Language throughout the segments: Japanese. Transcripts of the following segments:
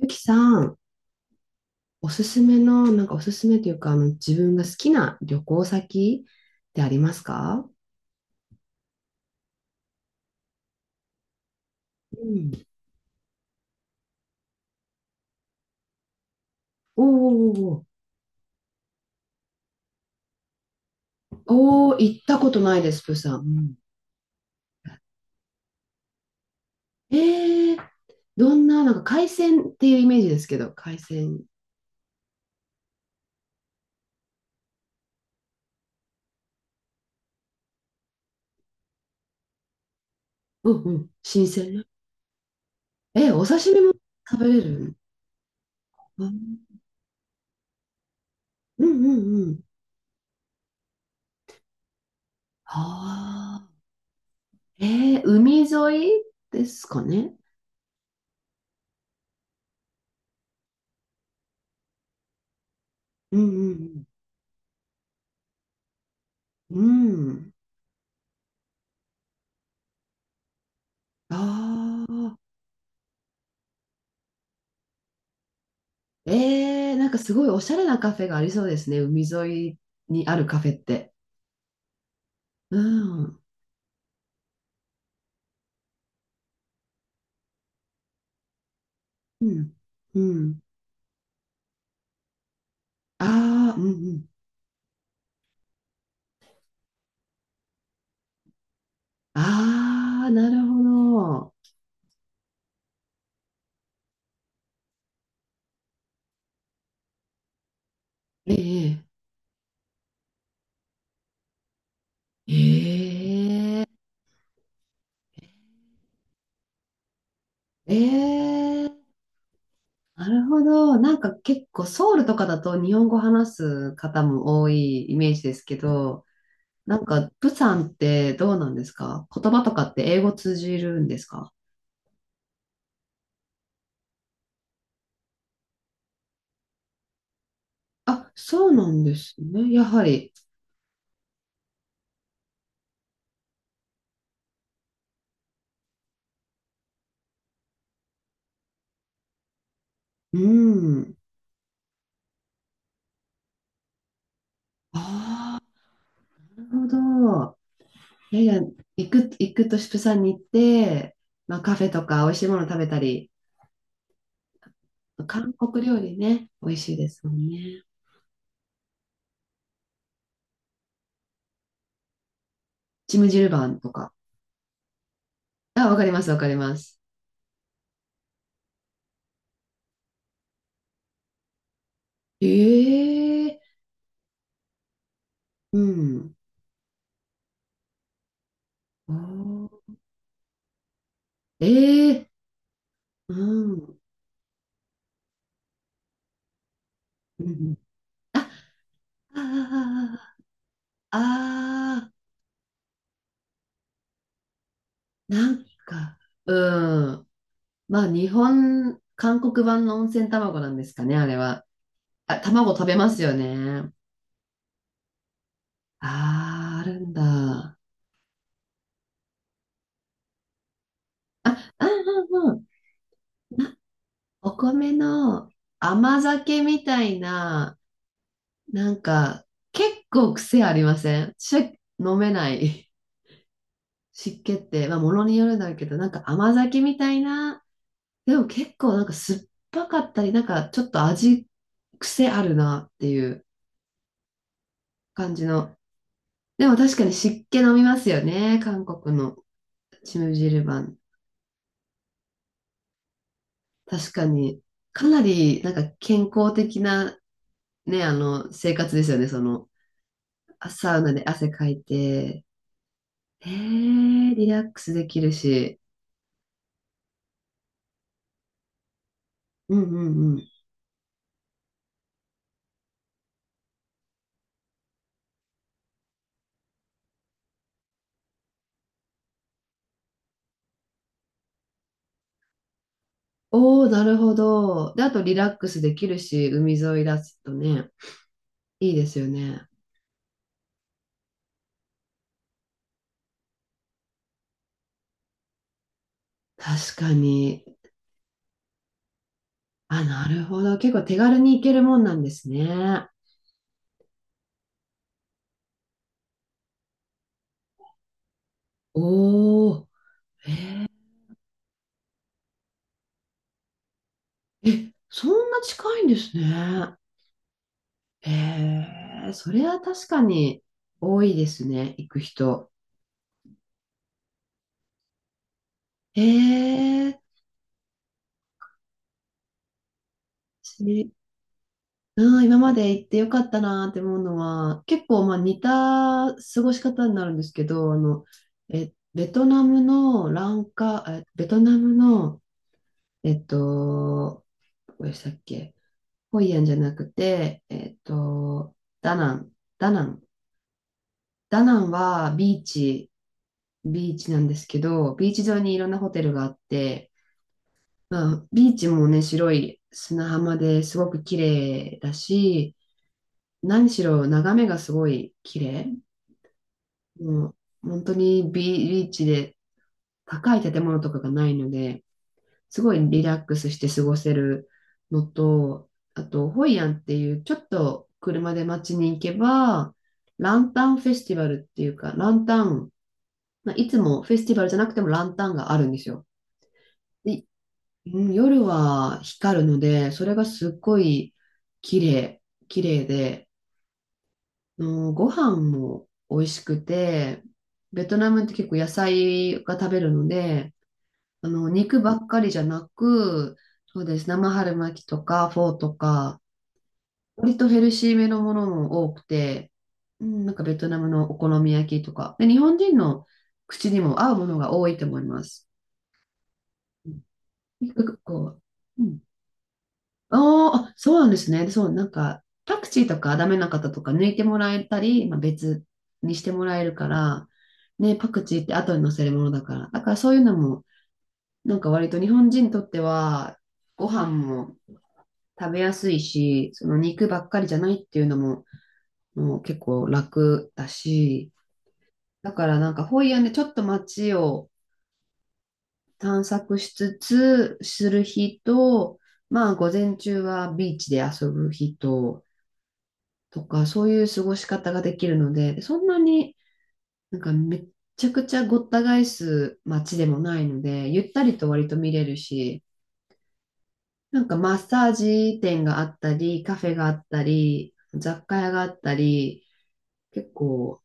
ゆきさん、おすすめの、なんかおすすめというか、あの、自分が好きな旅行先ってありますか？うん。おーおーおー、おー行ったことないです、プーさん。うん。えー、どんな、海鮮っていうイメージですけど、海鮮。うんうん、新鮮な。えー、お刺身も食べれる。うん、うんうんうん。ああ。えー、海沿いですかね。うんうんうん。うん。ああ。えー、なんかすごいおしゃれなカフェがありそうですね、海沿いにあるカフェって。うん。うん。うん。ああ、うんうん。ああ、なるほど。ええ。ええ。ええ。なるほど。なんか結構ソウルとかだと日本語話す方も多いイメージですけど、なんかプサンってどうなんですか？言葉とかって英語通じるんですか？あ、そうなんですね。やはり。うん。ああ、なるほど。いやいや、行くとしプサンに行って、まあ、カフェとか美味しいもの食べたり、韓国料理ね、美味しいですもんね。チムジルバンとか。あ、わかります、わかります。ええ。うん。おー、ええ。うん。うん。あ、ああ。あ。あなんか、うん。まあ、韓国版の温泉卵なんですかね、あれは。あ、卵食べますよね。ああ、あるんだ。あ、あ、あ、うんうん。なお米の甘酒みたいな、なんか、結構癖ありませんし、飲めない。湿気って、まあ、ものによるんだけど、なんか甘酒みたいな、でも結構なんか酸っぱかったり、ちょっと味、癖あるなっていう感じの。でも確かに湿気飲みますよね、韓国のチムジルバン。確かに。かなりなんか健康的なね、あの、生活ですよね、その、あサウナで汗かいて、えー、リラックスできるし、うんうんうん。おー、なるほど。で、あとリラックスできるし、海沿いだとね、いいですよね。確かに。あ、なるほど。結構手軽に行けるもんなんですね。おー、え、そんな近いんですね。えー、それは確かに多いですね、行く人。えー、うん、今まで行ってよかったなって思うのは、結構まあ似た過ごし方になるんですけど、あの、え、ベトナムの、えっと、どこでしたっけ？ホイアンじゃなくて、ダナン、ダナン。ダナンはビーチ、ビーチなんですけど、ビーチ上にいろんなホテルがあって、まあ、ビーチもね、白い砂浜ですごく綺麗だし、何しろ眺めがすごい綺麗。もう本当にビーチで高い建物とかがないので、すごいリラックスして過ごせるのと、あと、ホイアンっていうちょっと車で街に行けば、ランタンフェスティバルっていうか、ランタン、まあいつもフェスティバルじゃなくてもランタンがあるんですよ。で、うん夜は光るので、それがすっごい綺麗、綺麗で、のご飯も美味しくて、ベトナムって結構野菜が食べるので、あの肉ばっかりじゃなく、そうです、生春巻きとかフォーとか、割とヘルシーめのものも多くて、うん、なんかベトナムのお好み焼きとか、で、日本人の口にも合うものが多いと思います。うん。結構こう、うん、あーあ、そうなんですね。そう、なんか、パクチーとかダメな方とか抜いてもらえたり、まあ、別にしてもらえるから、ね、パクチーって後に乗せるものだから。だからそういうのも、なんか割と日本人にとっては、ご飯も食べやすいし、その肉ばっかりじゃないっていうのも、もう結構楽だし、だからなんかホイアンでちょっと街を探索しつつする日と、まあ午前中はビーチで遊ぶ日と、とか、そういう過ごし方ができるので、でそんなにめっちゃくちゃごった返す街でもないので、ゆったりと割と見れるし、なんかマッサージ店があったり、カフェがあったり、雑貨屋があったり、結構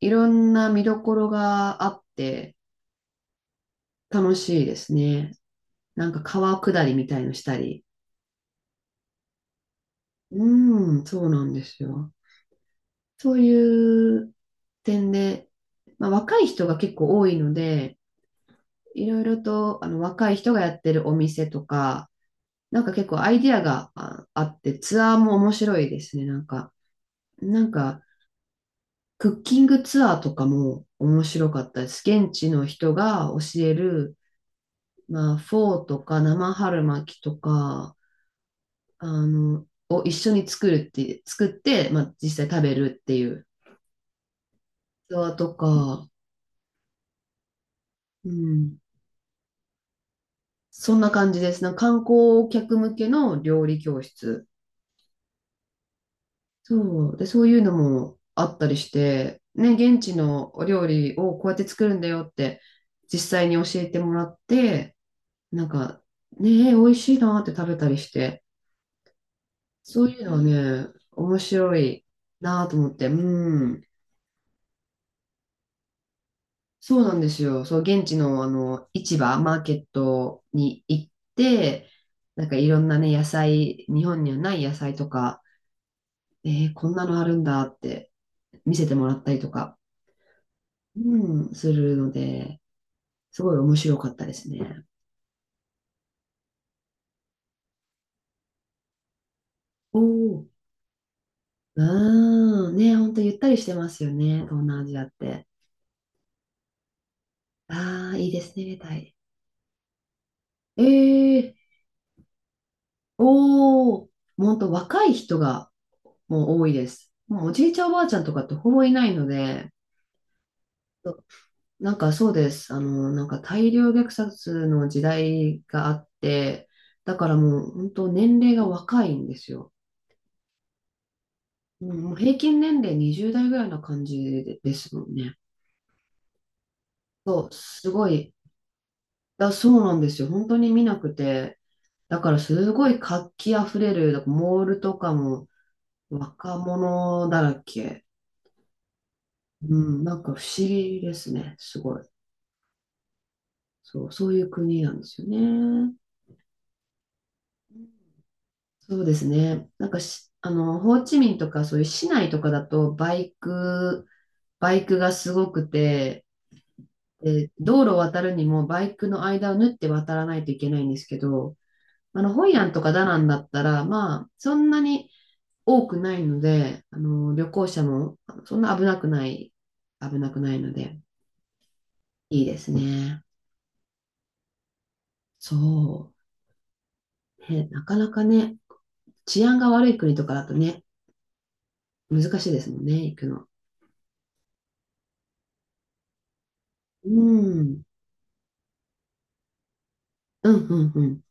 いろんな見どころがあって楽しいですね。なんか川下りみたいのしたり。うん、そうなんですよ。そういう点で、まあ、若い人が結構多いので、いろいろとあの若い人がやってるお店とか、なんか結構アイディアがああって、ツアーも面白いですね。なんか、なんか、クッキングツアーとかも面白かったです。現地の人が教える、まあ、フォーとか生春巻きとか、あの、を一緒に作るって、作って、まあ、実際食べるっていうツアーとか、うん、そんな感じです。なんか観光客向けの料理教室。そう。で、そういうのもあったりして、ね、現地のお料理をこうやって作るんだよって、実際に教えてもらって、なんか、ね、え美味しいなって食べたりして、そういうのはね、面白いなと思って、うん。そうなんですよ。そう、現地のあの、市場、マーケットに行って、なんかいろんなね、日本にはない野菜とか、えーこんなのあるんだって見せてもらったりとか、うん、するので、すごい面白かったですね。おお、うん、ね、ほんとゆったりしてますよね、東南アジアって。ああ、いいですね、タイ。ええ。おお、ほんと若い人がもう多いです。もうおじいちゃんおばあちゃんとかってほぼいないので、そう、なんかそうです。あの、なんか大量虐殺の時代があって、だからもう本当年齢が若いんですよ。もうもう平均年齢20代ぐらいな感じでですもんね。そう、すごい。だ、そうなんですよ。本当に見なくて。だからすごい活気あふれる、だからモールとかも若者だらけ。うん、なんか不思議ですね。すごい。そう、そういう国なんですよね。うん。そうですね。なんかし、あの、ホーチミンとかそういう市内とかだとバイクがすごくて、で道路を渡るにもバイクの間を縫って渡らないといけないんですけど、あの、ホイアンとかダナンだったら、まあ、そんなに多くないので、あの、旅行者もあのそんな危なくない、危なくないので、いいですね。そう。ね、なかなかね、治安が悪い国とかだとね、難しいですもんね、行くの。うん。うん、うん、うん。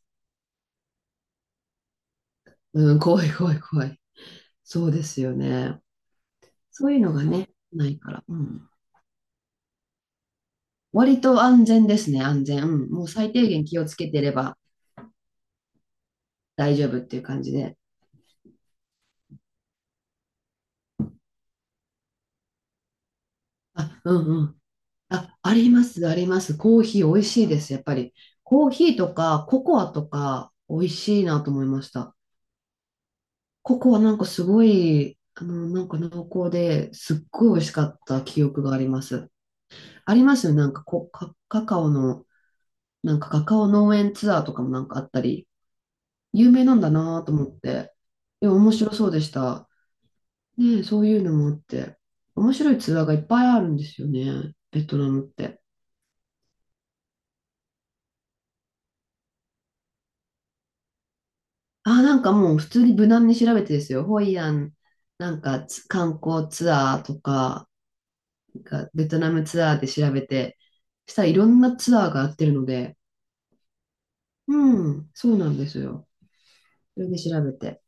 うん、怖い、怖い、怖い。そうですよね。そういうのがね、ないから。うん。割と安全ですね、安全。うん。もう最低限気をつけてれば大丈夫っていう感じで。あ、うん、あ、あります、あります。コーヒー美味しいです、やっぱり。コーヒーとかココアとか美味しいなと思いました。ココアなんかすごい、あの、なんか濃厚ですっごい美味しかった記憶があります。ありますよ、なんかこ、カカカオの、なんかカカオ農園ツアーとかもなんかあったり、有名なんだなと思って。いや面白そうでした。ねえ、そういうのもあって。面白いツアーがいっぱいあるんですよね、ベトナムって。あ、なんかもう普通に無難に調べてですよ。ホイアン、なんかつ観光ツアーとか、なんかベトナムツアーで調べて、したらいろんなツアーがやってるので、うん、そうなんですよ。それで調べて。